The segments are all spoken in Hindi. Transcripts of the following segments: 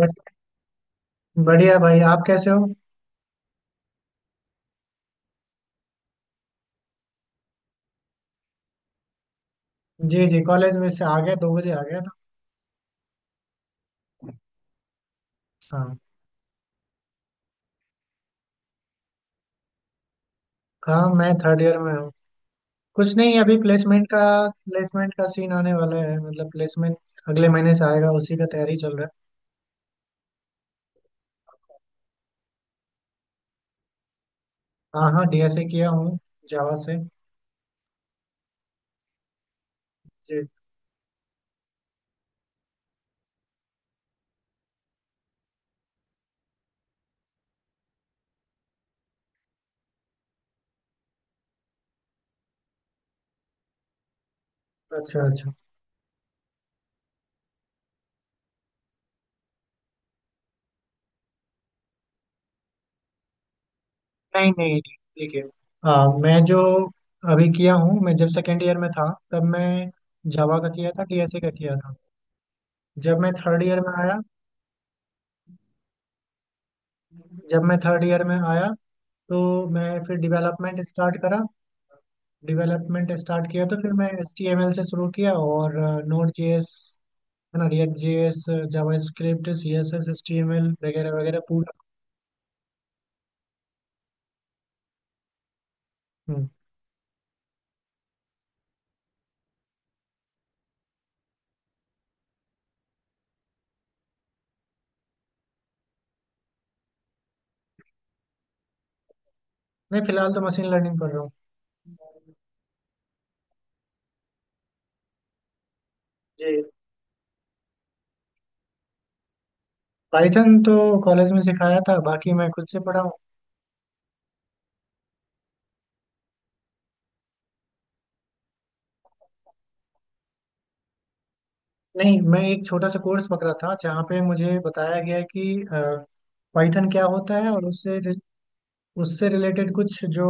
बट- बढ़िया भाई, आप कैसे हो? जी जी, कॉलेज में से आ गया। 2 बजे आ गया था। हाँ। हाँ मैं थर्ड ईयर में हूँ। कुछ नहीं, अभी प्लेसमेंट का सीन आने वाला है, मतलब प्लेसमेंट अगले महीने से आएगा, उसी का तैयारी चल रहा है। हाँ हाँ, डीएसए किया हूँ, जावा से। जी। अच्छा अच्छा। नहीं नहीं नहीं, ठीक है। हाँ, मैं जो अभी किया हूँ, मैं जब सेकेंड ईयर में था तब मैं जावा का किया था, डीएसए का किया था। जब मैं थर्ड ईयर में आया जब मैं थर्ड ईयर में आया तो मैं फिर डेवलपमेंट स्टार्ट करा। डेवलपमेंट स्टार्ट किया तो फिर मैं एच टी एम एल से शुरू किया, और नोड जे एस, है ना, react J S, JavaScript, C S S, H T M L वगैरह वगैरह पूरा। हम्म। नहीं, फिलहाल तो मशीन लर्निंग पढ़ रहा हूँ। जी। पाइथन तो कॉलेज में सिखाया था, बाकी मैं खुद से पढ़ा हूँ। नहीं, मैं एक छोटा सा कोर्स पकड़ा था जहाँ पे मुझे बताया गया कि पाइथन क्या होता है, और उससे उससे रिलेटेड कुछ जो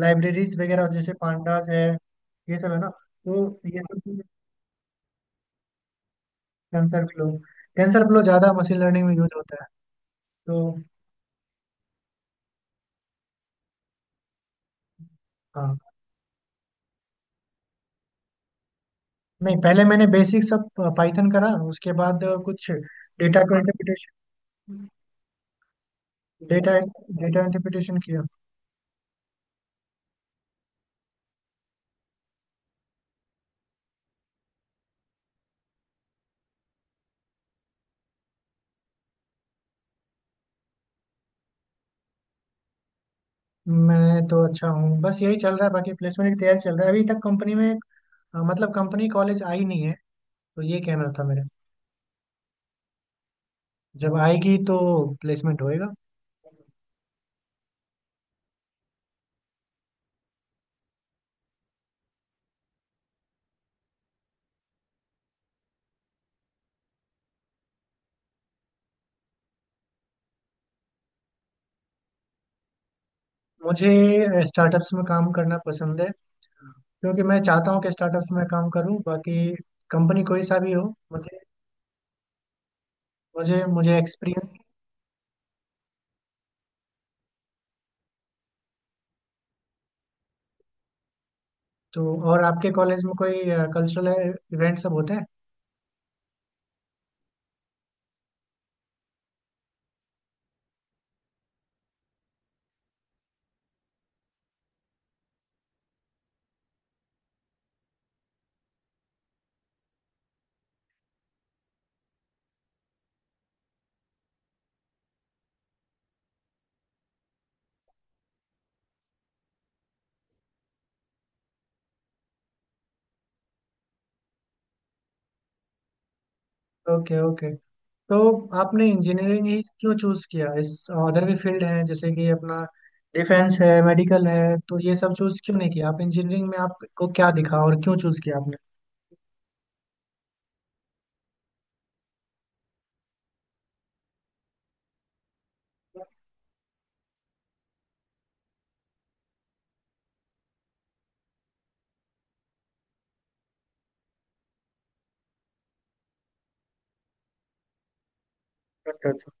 लाइब्रेरीज वगैरह जैसे पांडास है ये सब, है ना, तो ये सब चीज़ें। टेंसर फ्लो, टेंसर फ्लो ज़्यादा मशीन लर्निंग में यूज होता है तो। हाँ। नहीं, पहले मैंने बेसिक सब पाइथन करा, उसके बाद कुछ डेटा को इंटरप्रिटेशन, डेटा, डेटा इंटरप्रिटेशन किया। मैं तो अच्छा हूँ, बस यही चल रहा है, बाकी प्लेसमेंट की तैयारी चल रहा है। अभी तक कंपनी में मतलब कंपनी कॉलेज आई नहीं है, तो ये कहना था मेरा। जब आएगी तो प्लेसमेंट होएगा। मुझे स्टार्टअप्स में काम करना पसंद है, क्योंकि मैं चाहता हूँ कि स्टार्टअप्स में काम करूँ, बाकी कंपनी कोई सा भी हो। मुझे मुझे मुझे एक्सपीरियंस। तो और आपके कॉलेज में कोई कल्चरल इवेंट सब होते हैं? Okay okay. तो आपने इंजीनियरिंग ही क्यों चूज किया? इस अदर भी फील्ड है, जैसे कि अपना डिफेंस है, मेडिकल है, तो ये सब चूज क्यों नहीं किया? आप इंजीनियरिंग में, आपको क्या दिखा और क्यों चूज किया आपने? अच्छा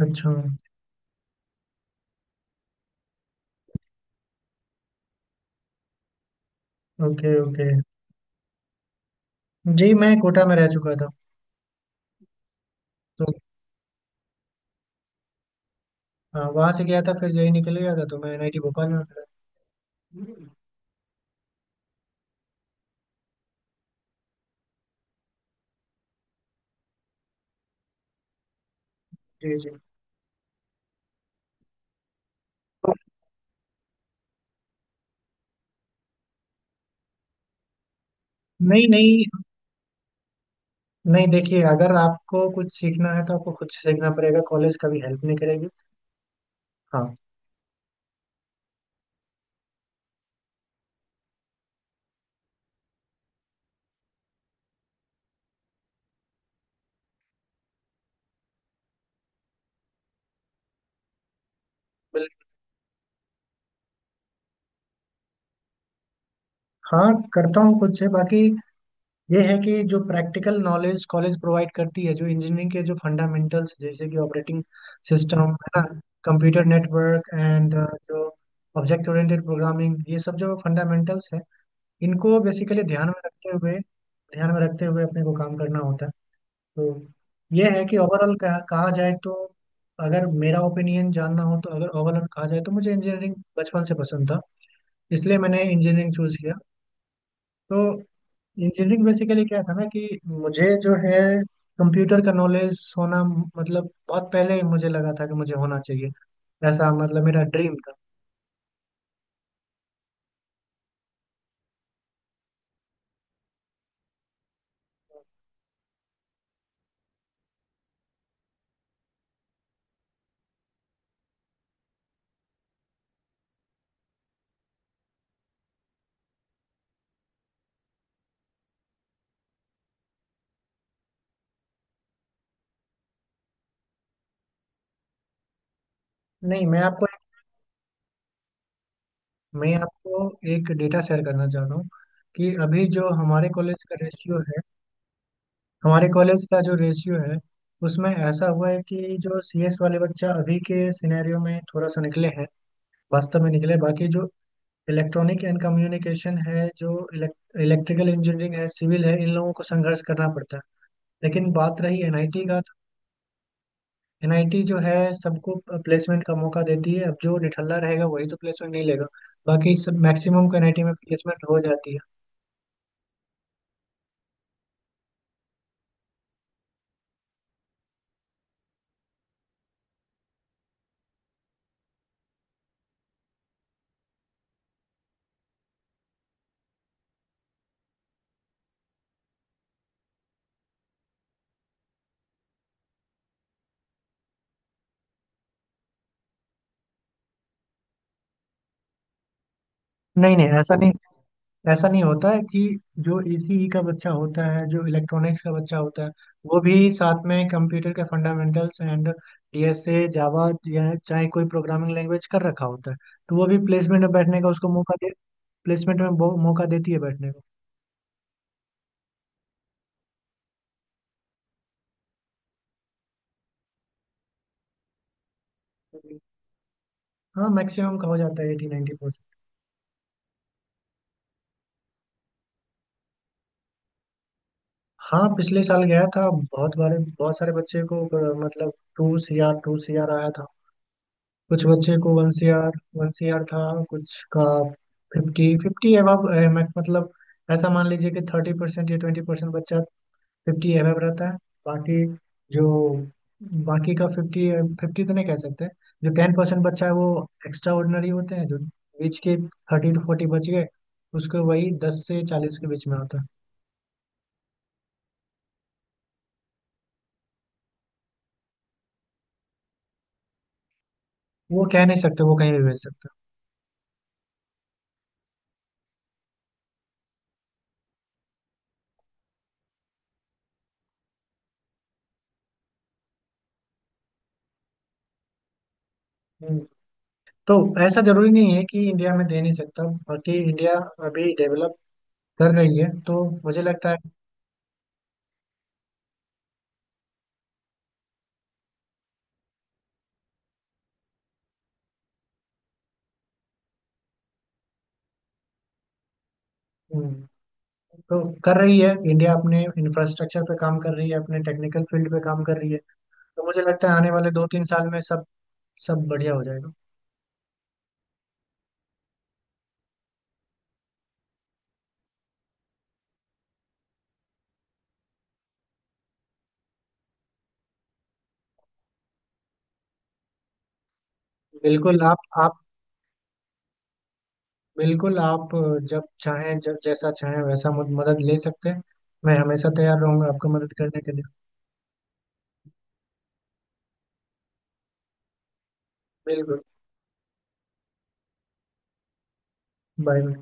अच्छा। Okay okay. जी, मैं कोटा में रह चुका था तो। हाँ वहां से गया था, फिर यही निकल गया था, तो मैं एनआईटी भोपाल में मिला। जी जी। नहीं। नहीं। नहीं देखिए, अगर आपको कुछ सीखना है तो आपको खुद से सीखना पड़ेगा, कॉलेज कभी हेल्प नहीं करेगी। हाँ। बिल- हाँ, करता हूँ खुद से, बाकी ये है कि जो प्रैक्टिकल नॉलेज कॉलेज प्रोवाइड करती है, जो इंजीनियरिंग के जो फंडामेंटल्स जैसे कि ऑपरेटिंग सिस्टम है ना, कंप्यूटर नेटवर्क एंड जो ऑब्जेक्ट ओरिएंटेड प्रोग्रामिंग, ये सब जो फंडामेंटल्स है, इनको बेसिकली ध्यान में रखते हुए अपने को काम करना होता है। तो ये है कि ओवरऑल कहा जाए तो, अगर मेरा ओपिनियन जानना हो तो, अगर ओवरऑल कहा जाए तो मुझे इंजीनियरिंग बचपन से पसंद था, इसलिए मैंने इंजीनियरिंग चूज किया। तो इंजीनियरिंग बेसिकली क्या था ना कि मुझे जो है कंप्यूटर का नॉलेज होना, मतलब बहुत पहले ही मुझे लगा था कि मुझे होना चाहिए ऐसा, मतलब मेरा ड्रीम था। नहीं मैं आपको एक डेटा शेयर करना चाह रहा हूँ कि अभी जो हमारे कॉलेज का जो रेशियो है उसमें ऐसा हुआ है कि जो सीएस वाले बच्चा अभी के सिनेरियो में थोड़ा सा निकले हैं, वास्तव में निकले। बाकी जो इलेक्ट्रॉनिक एंड कम्युनिकेशन है, जो इलेक्ट्रिकल इंजीनियरिंग है, सिविल है, इन लोगों को संघर्ष करना पड़ता है। लेकिन बात रही एनआईटी का, तो एनआईटी जो है सबको प्लेसमेंट का मौका देती है, अब जो निठल्ला रहेगा वही तो प्लेसमेंट नहीं लेगा, बाकी सब मैक्सिमम को एनआईटी में प्लेसमेंट हो जाती है। नहीं नहीं, ऐसा नहीं, ऐसा नहीं होता है कि जो ईसीई का बच्चा होता है, जो इलेक्ट्रॉनिक्स का बच्चा होता है, वो भी साथ में कंप्यूटर के फंडामेंटल्स एंड डीएसए, जावा या चाहे कोई प्रोग्रामिंग लैंग्वेज कर रखा होता है, तो वो भी प्लेसमेंट में बैठने का उसको मौका दे। प्लेसमेंट में मौका देती है बैठने को। जी। हाँ, मैक्सिमम का हो जाता है, 80-90%। हाँ पिछले साल गया था, बहुत बार बहुत सारे बच्चे को मतलब 2 CR, 2 CR आया था। कुछ बच्चे को 1 CR, 1 CR था। कुछ का फिफ्टी, फिफ्टी एबव, मतलब ऐसा मान लीजिए कि 30% या 20% बच्चा फिफ्टी एबव रहता है, बाकी जो, बाकी का फिफ्टी फिफ्टी तो नहीं कह सकते। जो 10% बच्चा है वो एक्स्ट्रा ऑर्डिनरी होते हैं, जो बीच के 30-40 बच गए, उसको वही 10 से 40 के बीच में आता है। वो कह नहीं सकते, वो कहीं भी भेज सकता है। तो ऐसा जरूरी नहीं है कि इंडिया में दे नहीं सकता, बाकी इंडिया अभी डेवलप कर रही है, तो मुझे लगता है। हम्म, तो कर रही है इंडिया, अपने इंफ्रास्ट्रक्चर पे काम कर रही है, अपने टेक्निकल फील्ड पे काम कर रही है, तो मुझे लगता है आने वाले 2-3 साल में सब सब बढ़िया हो जाएगा। बिल्कुल आप बिल्कुल आप जब चाहें, जब जैसा चाहें वैसा मदद ले सकते हैं, मैं हमेशा तैयार रहूंगा आपको मदद करने के लिए। बिल्कुल। बाय।